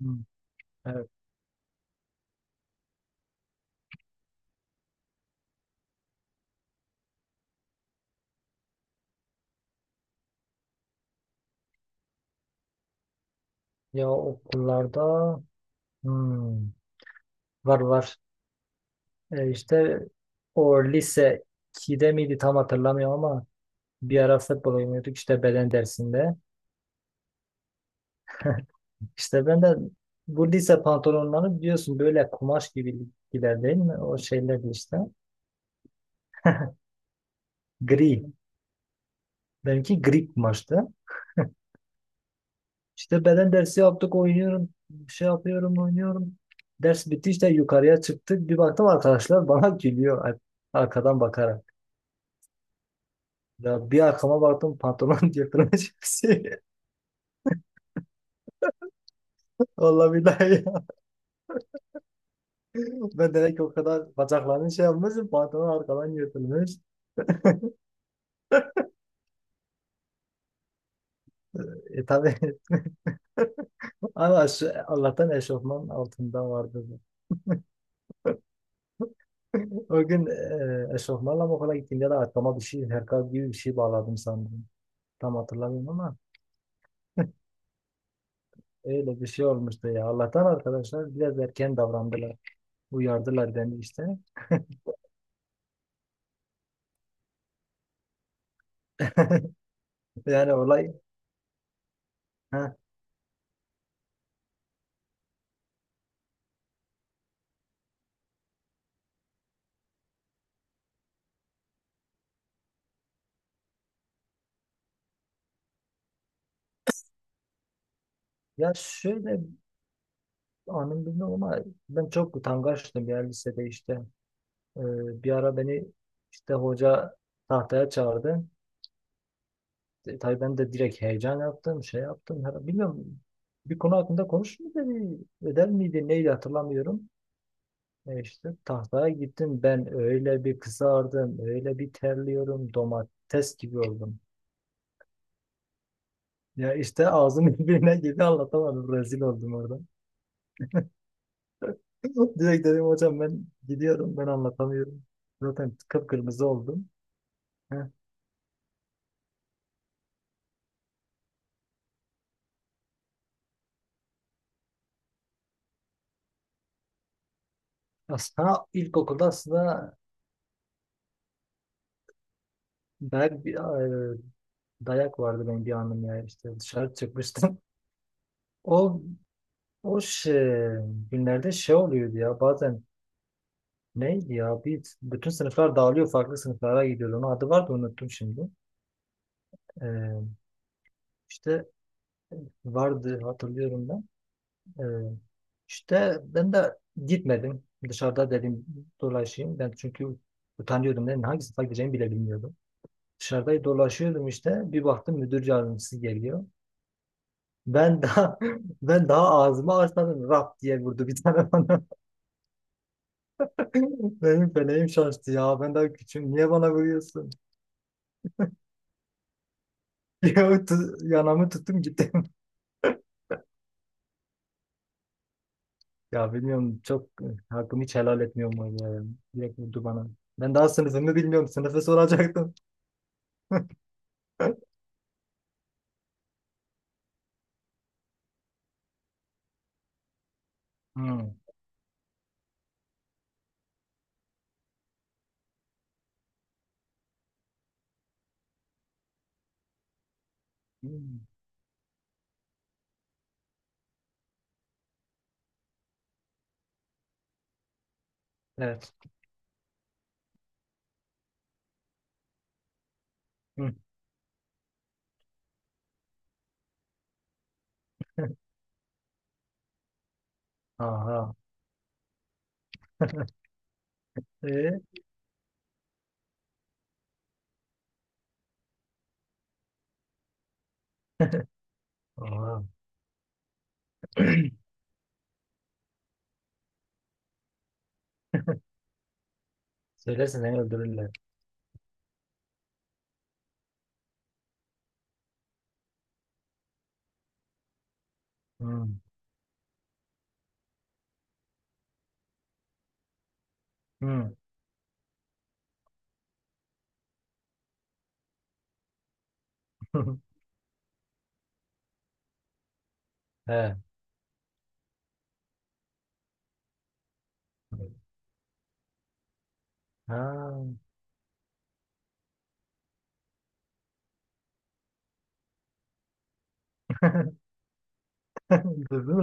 Hmm, Evet. Ya okullarda, hmm, var var. İşte o lise 2'de miydi tam hatırlamıyorum ama bir ara futbol oynuyorduk işte beden dersinde. İşte ben de bu lise pantolonları biliyorsun böyle kumaş gibiler değil mi? O şeyler işte. Gri. Benimki gri kumaştı. İşte beden dersi yaptık, oynuyorum. Şey yapıyorum, oynuyorum. Ders bitti, işte yukarıya çıktık. Bir baktım arkadaşlar bana gülüyor, arkadan bakarak. Ya bir arkama baktım, pantolon yırtılmış. Vallahi billahi ya. Ben demek ki o kadar bacaklarını şey yapmışım, pantolon arkadan yırtılmış. Tabii ama şu, Allah'tan eşofman altında vardı. O gün eşofmanla mı okula gittiğimde de arkama bir şey, herkal gibi bir şey bağladım sandım. Tam hatırlamıyorum ama öyle bir şey olmuştu ya. Allah'tan arkadaşlar biraz erken davrandılar. Uyardılar beni işte. Yani olay ha. Ya şöyle, anım bilmiyorum ama ben çok utangaçtım ya lisede işte. Ee, bir ara beni işte hoca tahtaya çağırdı. Tabii ben de direkt heyecan yaptım, şey yaptım. Bilmiyorum, bir konu hakkında konuş mu dedi, ödev miydi, neydi hatırlamıyorum. İşte tahtaya gittim, ben öyle bir kızardım, öyle bir terliyorum, domates gibi oldum. Ya işte ağzım birbirine gibi anlatamadım, rezil oldum orada. Direkt dedim hocam ben gidiyorum, ben anlatamıyorum. Zaten kıpkırmızı oldum. Heh. Aslında ilkokulda, aslında dayak, e, dayak vardı benim bir anım ya. İşte dışarı çıkmıştım. O o şey, günlerde şey oluyordu ya bazen, neydi ya, bir bütün sınıflar dağılıyor, farklı sınıflara gidiyordu. Onun adı vardı, unuttum şimdi. Ee, işte vardı, hatırlıyorum ben. Ee, işte ben de gitmedim. Dışarıda dedim dolaşayım. Ben çünkü utanıyordum. Ben hangi sınıfa gideceğimi bile bilmiyordum. Dışarıda dolaşıyordum işte. Bir baktım müdür yardımcısı geliyor. Ben daha ben daha ağzımı açmadım, rap diye vurdu bir tane bana. Benim feleğim şaştı ya. Ben daha küçüğüm. Niye bana vuruyorsun? Ya, yanamı tuttum gittim. Ya bilmiyorum, çok hakkımı hiç helal etmiyorum o ya. Direkt vurdu bana. Ben daha sınıfımı bilmiyorum. Sınıfı soracaktım. Hmm. Evet. Hı. Aha. E? Aha. Söylersen seni öldürürler. Hı. Hı. He. Ha. Duydun mu?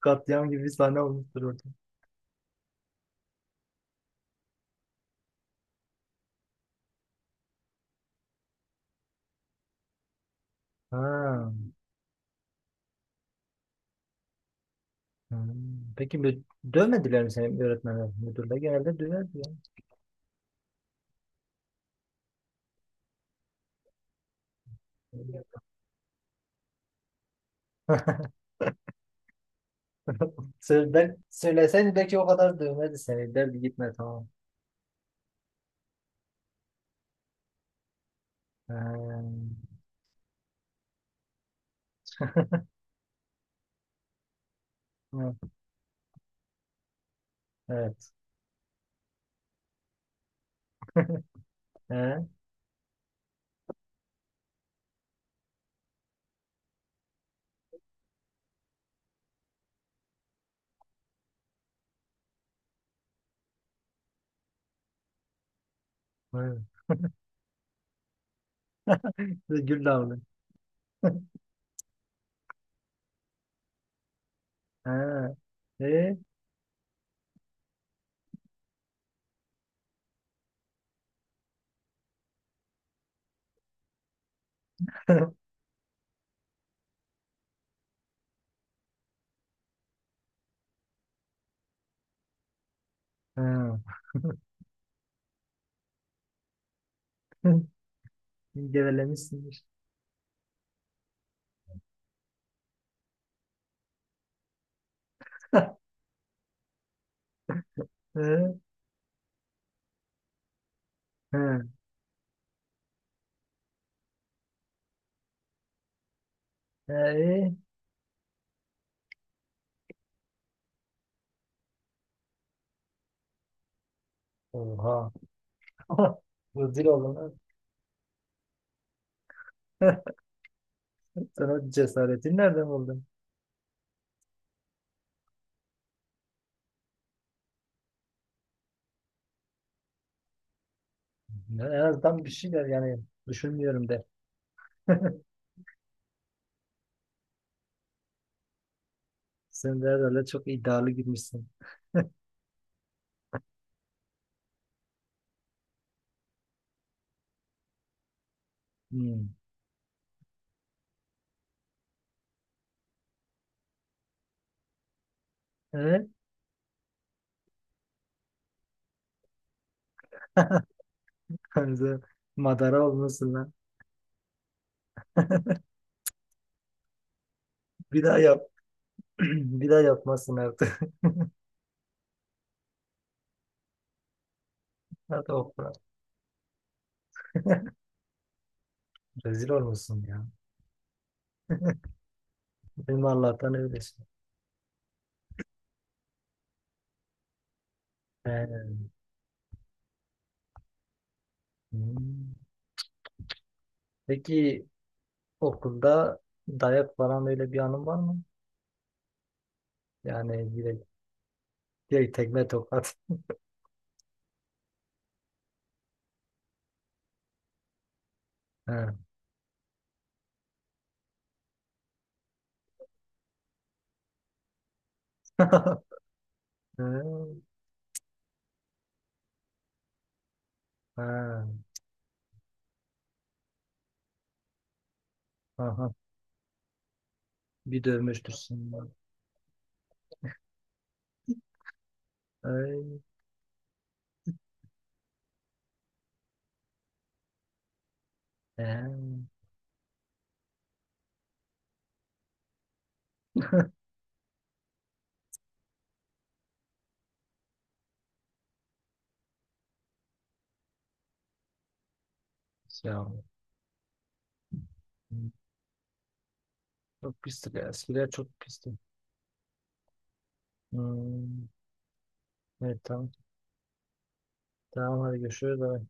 Katliam gibi bir sahne olmuştur orada. Ha. Hmm. Peki dövmediler mi seni öğretmenler? Müdürler genelde döverdi ya. Söyler, söyleseydi belki o kadar dövmedi seni. Derdi gitme, tamam. Ha. Hı. Evet. He. Hı. Gül damlı. Ha. E? Ha. Gevelemişsindir. Hı, hı. Ee, Oha. Rezil oldum, lan. Sen o cesaretin nereden buldun? Ya, en azından bir şeyler, yani düşünmüyorum de. Sen de herhalde çok iddialı girmişsin. Hmm. Evet. Sen Madara olmuşsun lan. Bir daha yap. Bir daha yapmazsın artık. Hadi okula. Rezil olmuşsun ya. Benim Allah'tan öylesin. Hmm. Peki okulda dayak falan, öyle bir anın var mı? Yani direkt, direkt tekme tokat. He. He. He. Aha. Bir dövmüştür seni. Ay. He. Ya. Hmm. Çok pisti. Eskiler çok pisti. Hmm. Evet, tamam. Tamam, hadi görüşürüz. Bay bay.